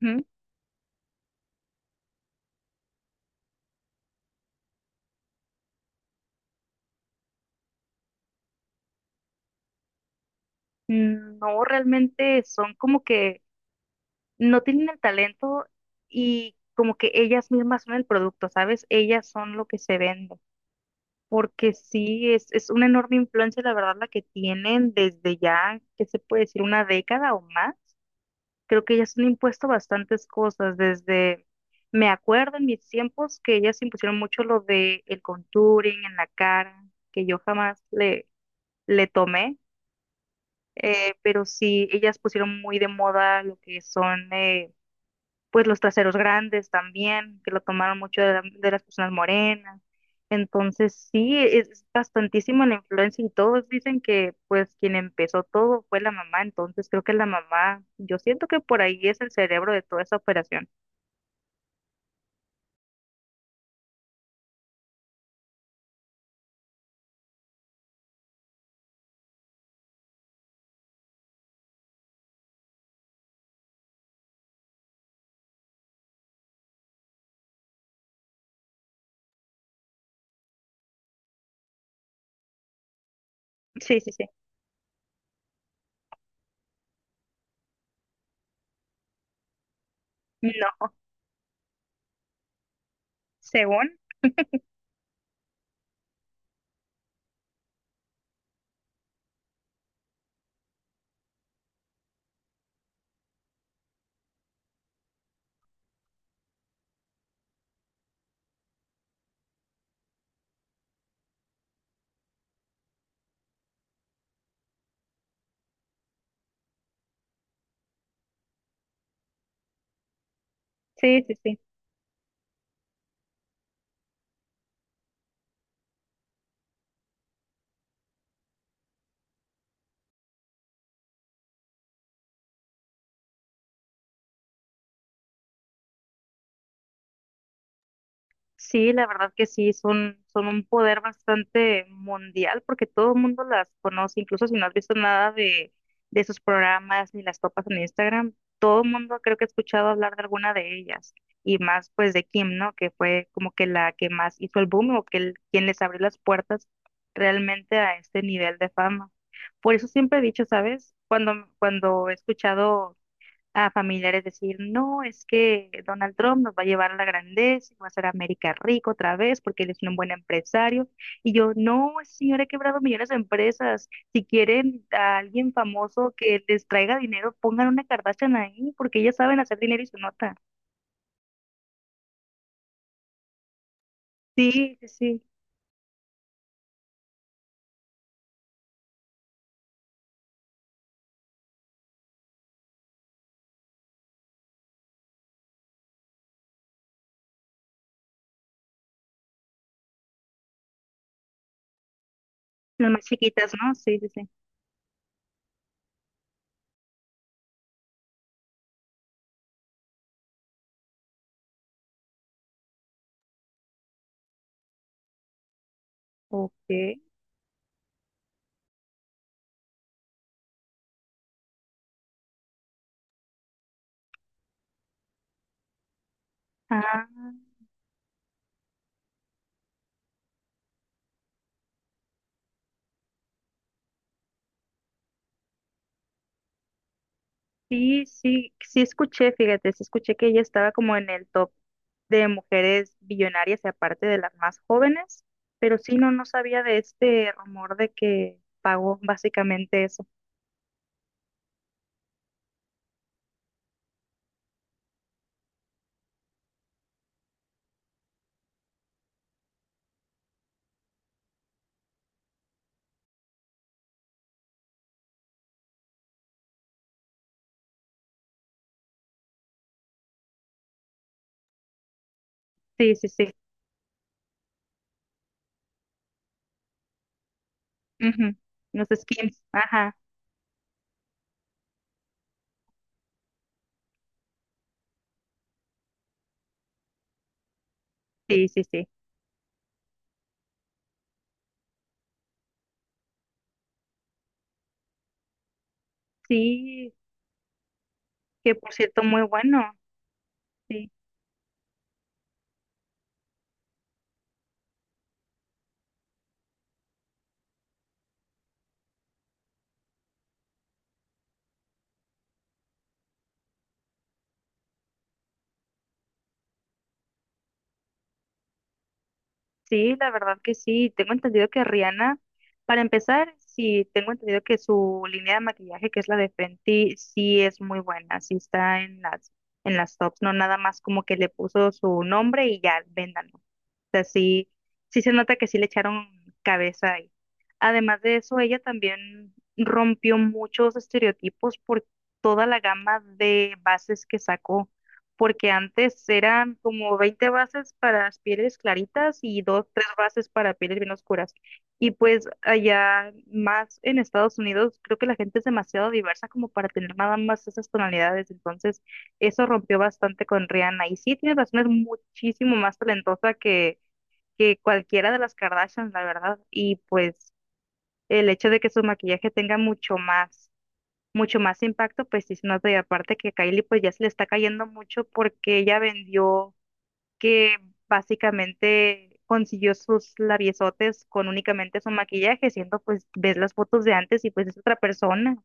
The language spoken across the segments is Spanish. Ujú. No, realmente son como que no tienen el talento y como que ellas mismas son el producto, ¿sabes? Ellas son lo que se vende. Porque sí, es una enorme influencia, la verdad, la que tienen desde ya, ¿qué se puede decir? Una década o más. Creo que ellas han impuesto bastantes cosas desde, me acuerdo en mis tiempos que ellas impusieron mucho lo de el contouring en la cara, que yo jamás le tomé, pero sí, ellas pusieron muy de moda lo que son, pues los traseros grandes también, que lo tomaron mucho de las personas morenas. Entonces sí, es bastantísima la influencia y todos dicen que pues quien empezó todo fue la mamá, entonces creo que la mamá, yo siento que por ahí es el cerebro de toda esa operación. Sí, sí, sí. No, según. Sí, sí, sí. Sí, la verdad que sí, son un poder bastante mundial porque todo el mundo las conoce, incluso si no has visto nada de sus programas ni las topas en Instagram, todo el mundo creo que ha escuchado hablar de alguna de ellas y más pues de Kim, ¿no? Que fue como que la que más hizo el boom o que quien les abrió las puertas realmente a este nivel de fama. Por eso siempre he dicho, ¿sabes? Cuando he escuchado a familiares decir, no, es que Donald Trump nos va a llevar a la grandeza, va a hacer a América rico otra vez porque él es un buen empresario. Y yo, no, ese señor, ha quebrado millones de empresas. Si quieren a alguien famoso que les traiga dinero, pongan una Kardashian ahí porque ellas saben hacer dinero y se nota. Sí, sí, sí. Las más chiquitas, ¿no? Sí, sí, sí. Ok. Ah. Sí, sí, sí escuché, fíjate, sí escuché que ella estaba como en el top de mujeres billonarias y aparte de las más jóvenes, pero sí, no, no sabía de este rumor de que pagó básicamente eso. Sí, sí, sí. Ujú. Los skins, ajá, sí, sí, sí. Sí, que por cierto, muy bueno. Sí. Sí, la verdad que sí. Tengo entendido que Rihanna, para empezar, sí, tengo entendido que su línea de maquillaje, que es la de Fenty, sí es muy buena, sí está en las tops, no nada más como que le puso su nombre y ya, véndanlo. O sea, sí, sí se nota que sí le echaron cabeza ahí. Además de eso, ella también rompió muchos estereotipos por toda la gama de bases que sacó porque antes eran como 20 bases para pieles claritas y dos, tres bases para pieles bien oscuras. Y pues allá más en Estados Unidos, creo que la gente es demasiado diversa como para tener nada más esas tonalidades. Entonces, eso rompió bastante con Rihanna. Y sí, tiene razón, es muchísimo más talentosa que cualquiera de las Kardashians, la verdad. Y pues el hecho de que su maquillaje tenga mucho más impacto, pues sí se nota. Y aparte que Kylie pues ya se le está cayendo mucho porque ella vendió que básicamente consiguió sus labiosotes con únicamente su maquillaje, siendo pues ves las fotos de antes y pues es otra persona.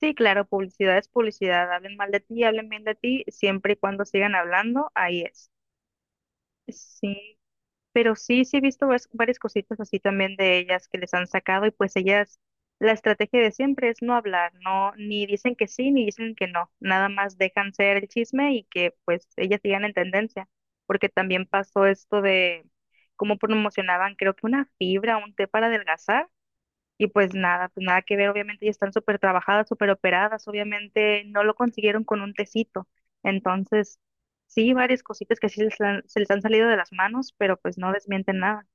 Sí, claro, publicidad es publicidad, hablen mal de ti, hablen bien de ti, siempre y cuando sigan hablando, ahí es. Sí, pero sí, sí he visto varias cositas así también de ellas que les han sacado y pues ellas, la estrategia de siempre es no hablar, no, ni dicen que sí, ni dicen que no, nada más dejan ser el chisme y que pues ellas sigan en tendencia, porque también pasó esto de cómo promocionaban, creo que una fibra, un té para adelgazar y pues nada que ver, obviamente ya están súper trabajadas, súper operadas, obviamente no lo consiguieron con un tecito. Entonces, sí, varias cositas que sí se les han salido de las manos, pero pues no desmienten nada.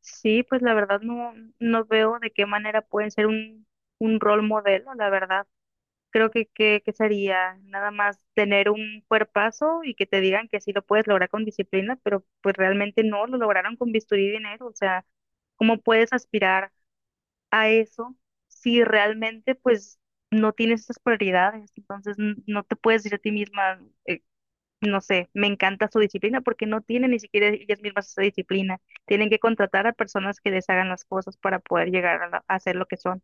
Sí, pues la verdad no, no veo de qué manera pueden ser un rol modelo, la verdad. Creo que sería nada más tener un cuerpazo y que te digan que sí lo puedes lograr con disciplina, pero pues realmente no lo lograron con bisturí y dinero, o sea. ¿Cómo puedes aspirar a eso si realmente pues no tienes esas prioridades? Entonces no te puedes decir a ti misma, eh, no sé, me encanta su disciplina porque no tienen ni siquiera ellas mismas esa disciplina. Tienen que contratar a personas que les hagan las cosas para poder llegar a, a hacer lo que son.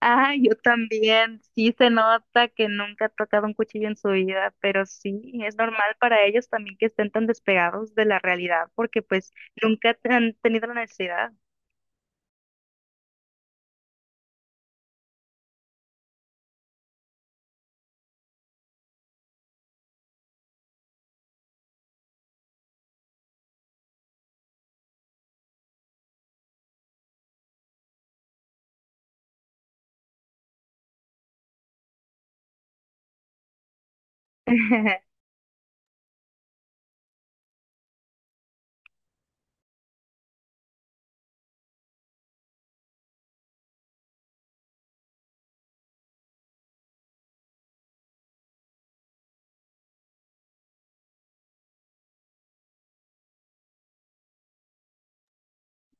Ah, yo también. Sí se nota que nunca ha tocado un cuchillo en su vida, pero sí, es normal para ellos también que estén tan despegados de la realidad porque pues nunca han tenido la necesidad.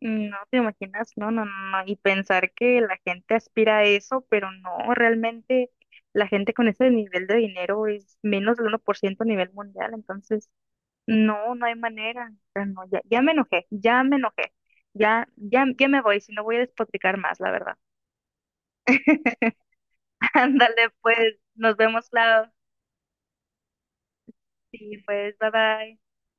No te imaginas, no, no, no, no. Y pensar que la gente aspira a eso, pero no, realmente la gente con ese nivel de dinero es menos del 1% a nivel mundial, entonces no, no hay manera. O sea, no, ya, ya me enojé, ya me enojé, ya, ya, ya me voy, si no voy a despotricar más, la verdad. Ándale, pues, nos vemos, claro. Sí, pues, bye bye.